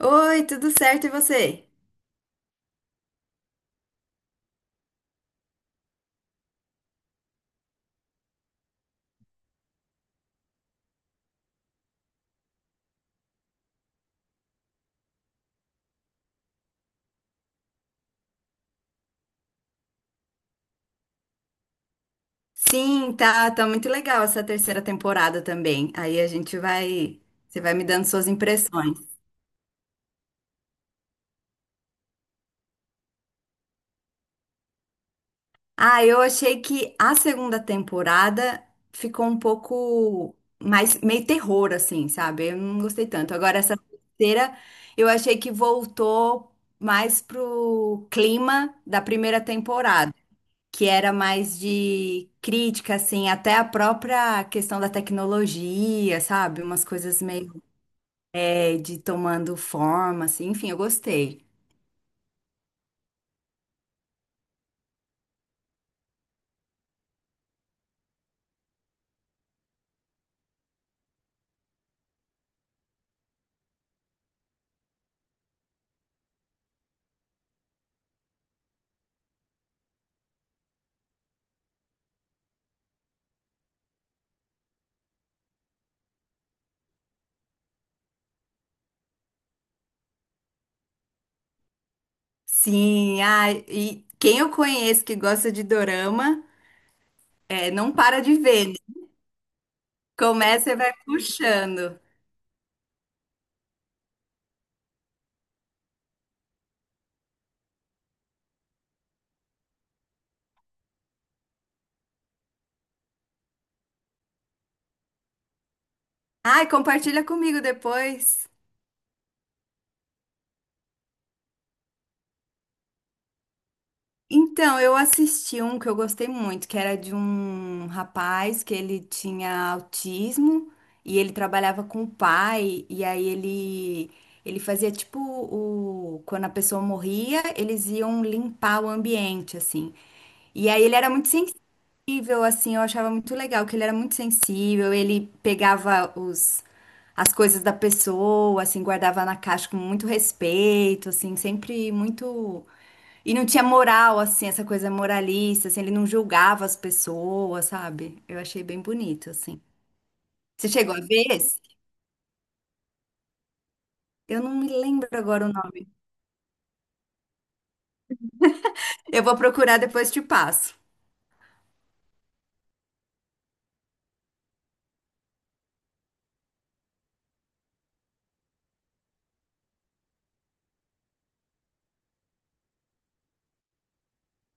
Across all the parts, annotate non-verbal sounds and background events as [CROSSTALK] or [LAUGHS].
Oi, tudo certo e você? Sim, tá, muito legal essa terceira temporada também. Aí a gente vai, você vai me dando suas impressões. Ah, eu achei que a segunda temporada ficou um pouco mais meio terror assim, sabe? Eu não gostei tanto. Agora essa terceira, eu achei que voltou mais pro clima da primeira temporada, que era mais de crítica, assim, até a própria questão da tecnologia, sabe? Umas coisas meio de tomando forma, assim, enfim, eu gostei. Sim, ah, e quem eu conheço que gosta de dorama, não para de ver, né? Começa e vai puxando. Ai, compartilha comigo depois. Então, eu assisti um que eu gostei muito, que era de um rapaz que ele tinha autismo e ele trabalhava com o pai, e aí ele fazia tipo o quando a pessoa morria, eles iam limpar o ambiente assim. E aí ele era muito sensível assim, eu achava muito legal que ele era muito sensível, ele pegava os as coisas da pessoa, assim, guardava na caixa com muito respeito, assim, sempre muito, e não tinha moral, assim, essa coisa moralista, assim, ele não julgava as pessoas, sabe? Eu achei bem bonito, assim. Você chegou a ver esse? Eu não me lembro agora o nome. Eu vou procurar depois te passo.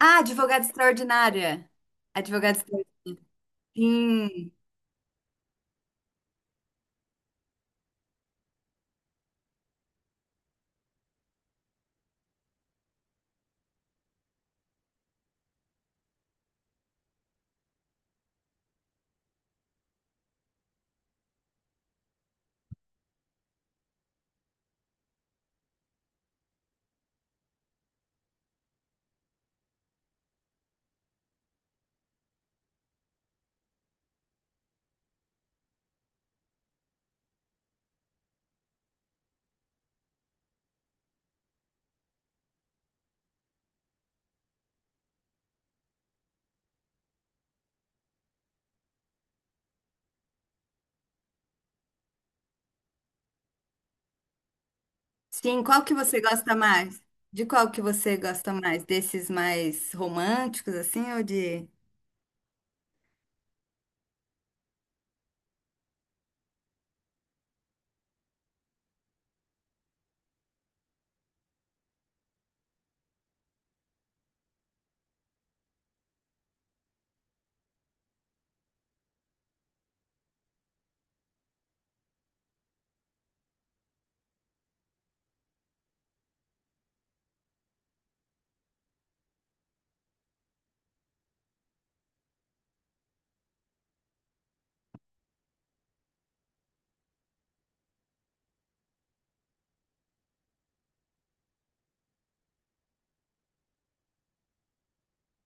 Ah, Advogada Extraordinária. Advogada Extraordinária. Sim, sim. Qual que você gosta mais? De qual que você gosta mais? Desses mais românticos, assim, ou de...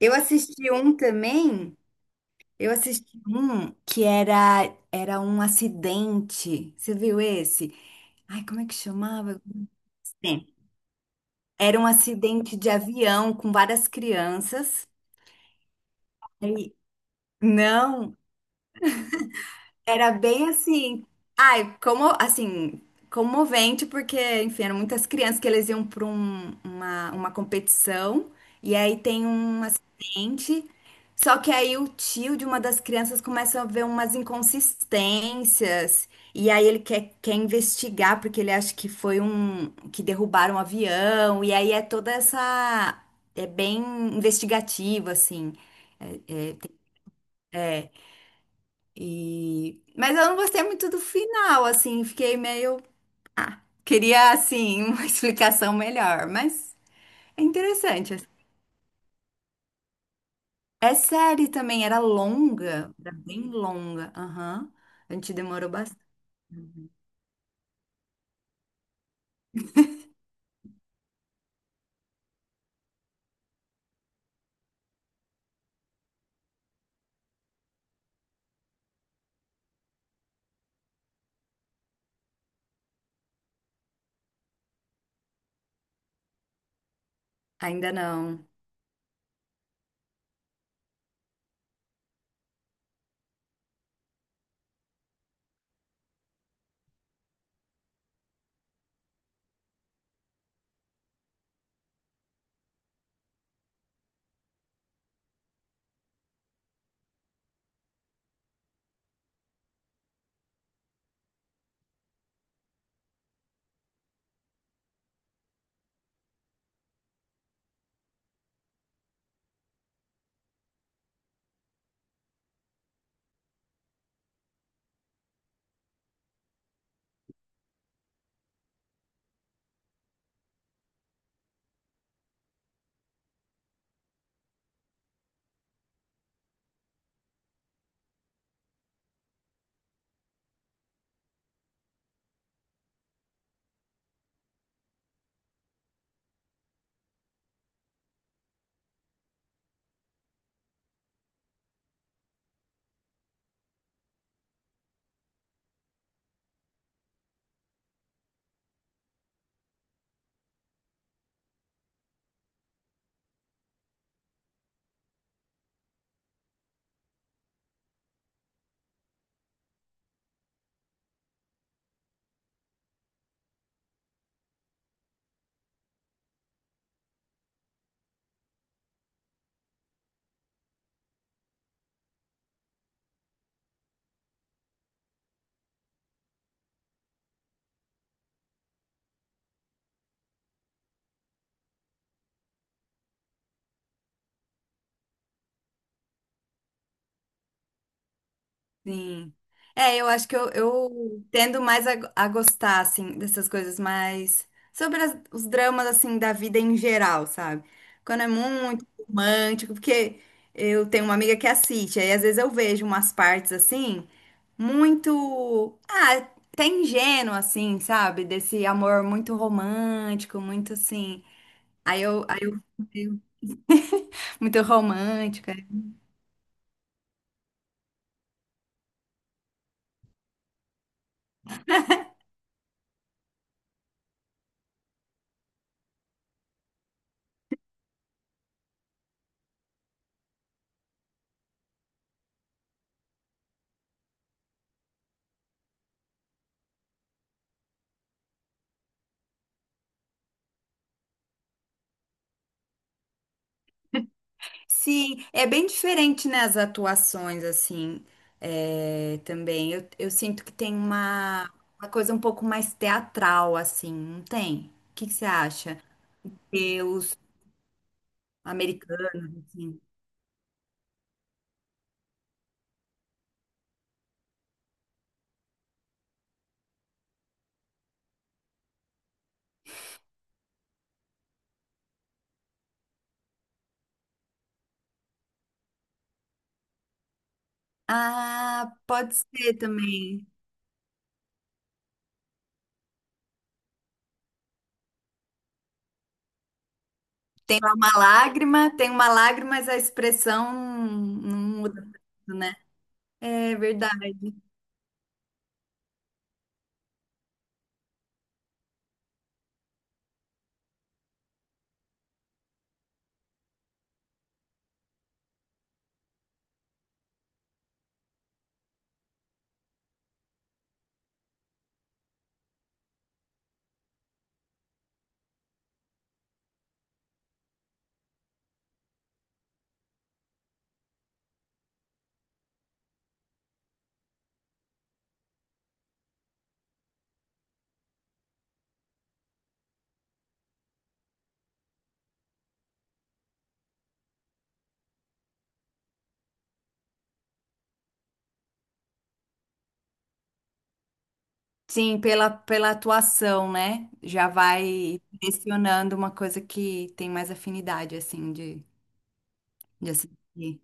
Eu assisti um também. Eu assisti um que era um acidente. Você viu esse? Ai, como é que chamava? Sim. Era um acidente de avião com várias crianças. E não, era bem assim. Ai, como assim, comovente, porque, enfim, eram muitas crianças que eles iam para uma competição. E aí tem um. Gente, só que aí o tio de uma das crianças começa a ver umas inconsistências. E aí ele quer investigar, porque ele acha que foi um, que derrubaram um avião. E aí é toda essa. É bem investigativo, assim. E... mas eu não gostei muito do final, assim. Fiquei meio. Queria, assim, [LAUGHS] uma explicação melhor. Mas é interessante, assim. É série também, era longa. Era bem longa. Aham. A gente demorou bastante. Ainda não. Sim. É, eu acho que eu tendo mais a gostar, assim, dessas coisas mais... Sobre os dramas, assim, da vida em geral, sabe? Quando é muito romântico, porque eu tenho uma amiga que assiste, aí às vezes eu vejo umas partes, assim, muito... Ah, até ingênua, assim, sabe? Desse amor muito romântico, muito, assim... Aí eu... fico meio- [LAUGHS] Muito romântico. Sim, é bem diferente, né, as atuações, assim, é, também. Eu sinto que tem uma coisa um pouco mais teatral, assim, não tem? O que que você acha? E americanos, assim. Ah, pode ser também. Tem lá uma lágrima, tem uma lágrima, mas a expressão não muda tanto, né? É verdade. Sim, pela, pela atuação, né? Já vai direcionando uma coisa que tem mais afinidade, assim, de. De assistir.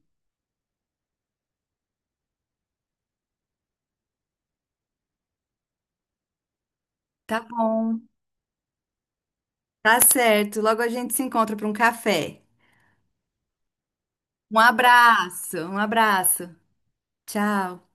Tá bom, tá certo. Logo a gente se encontra para um café. Um abraço, um abraço. Tchau.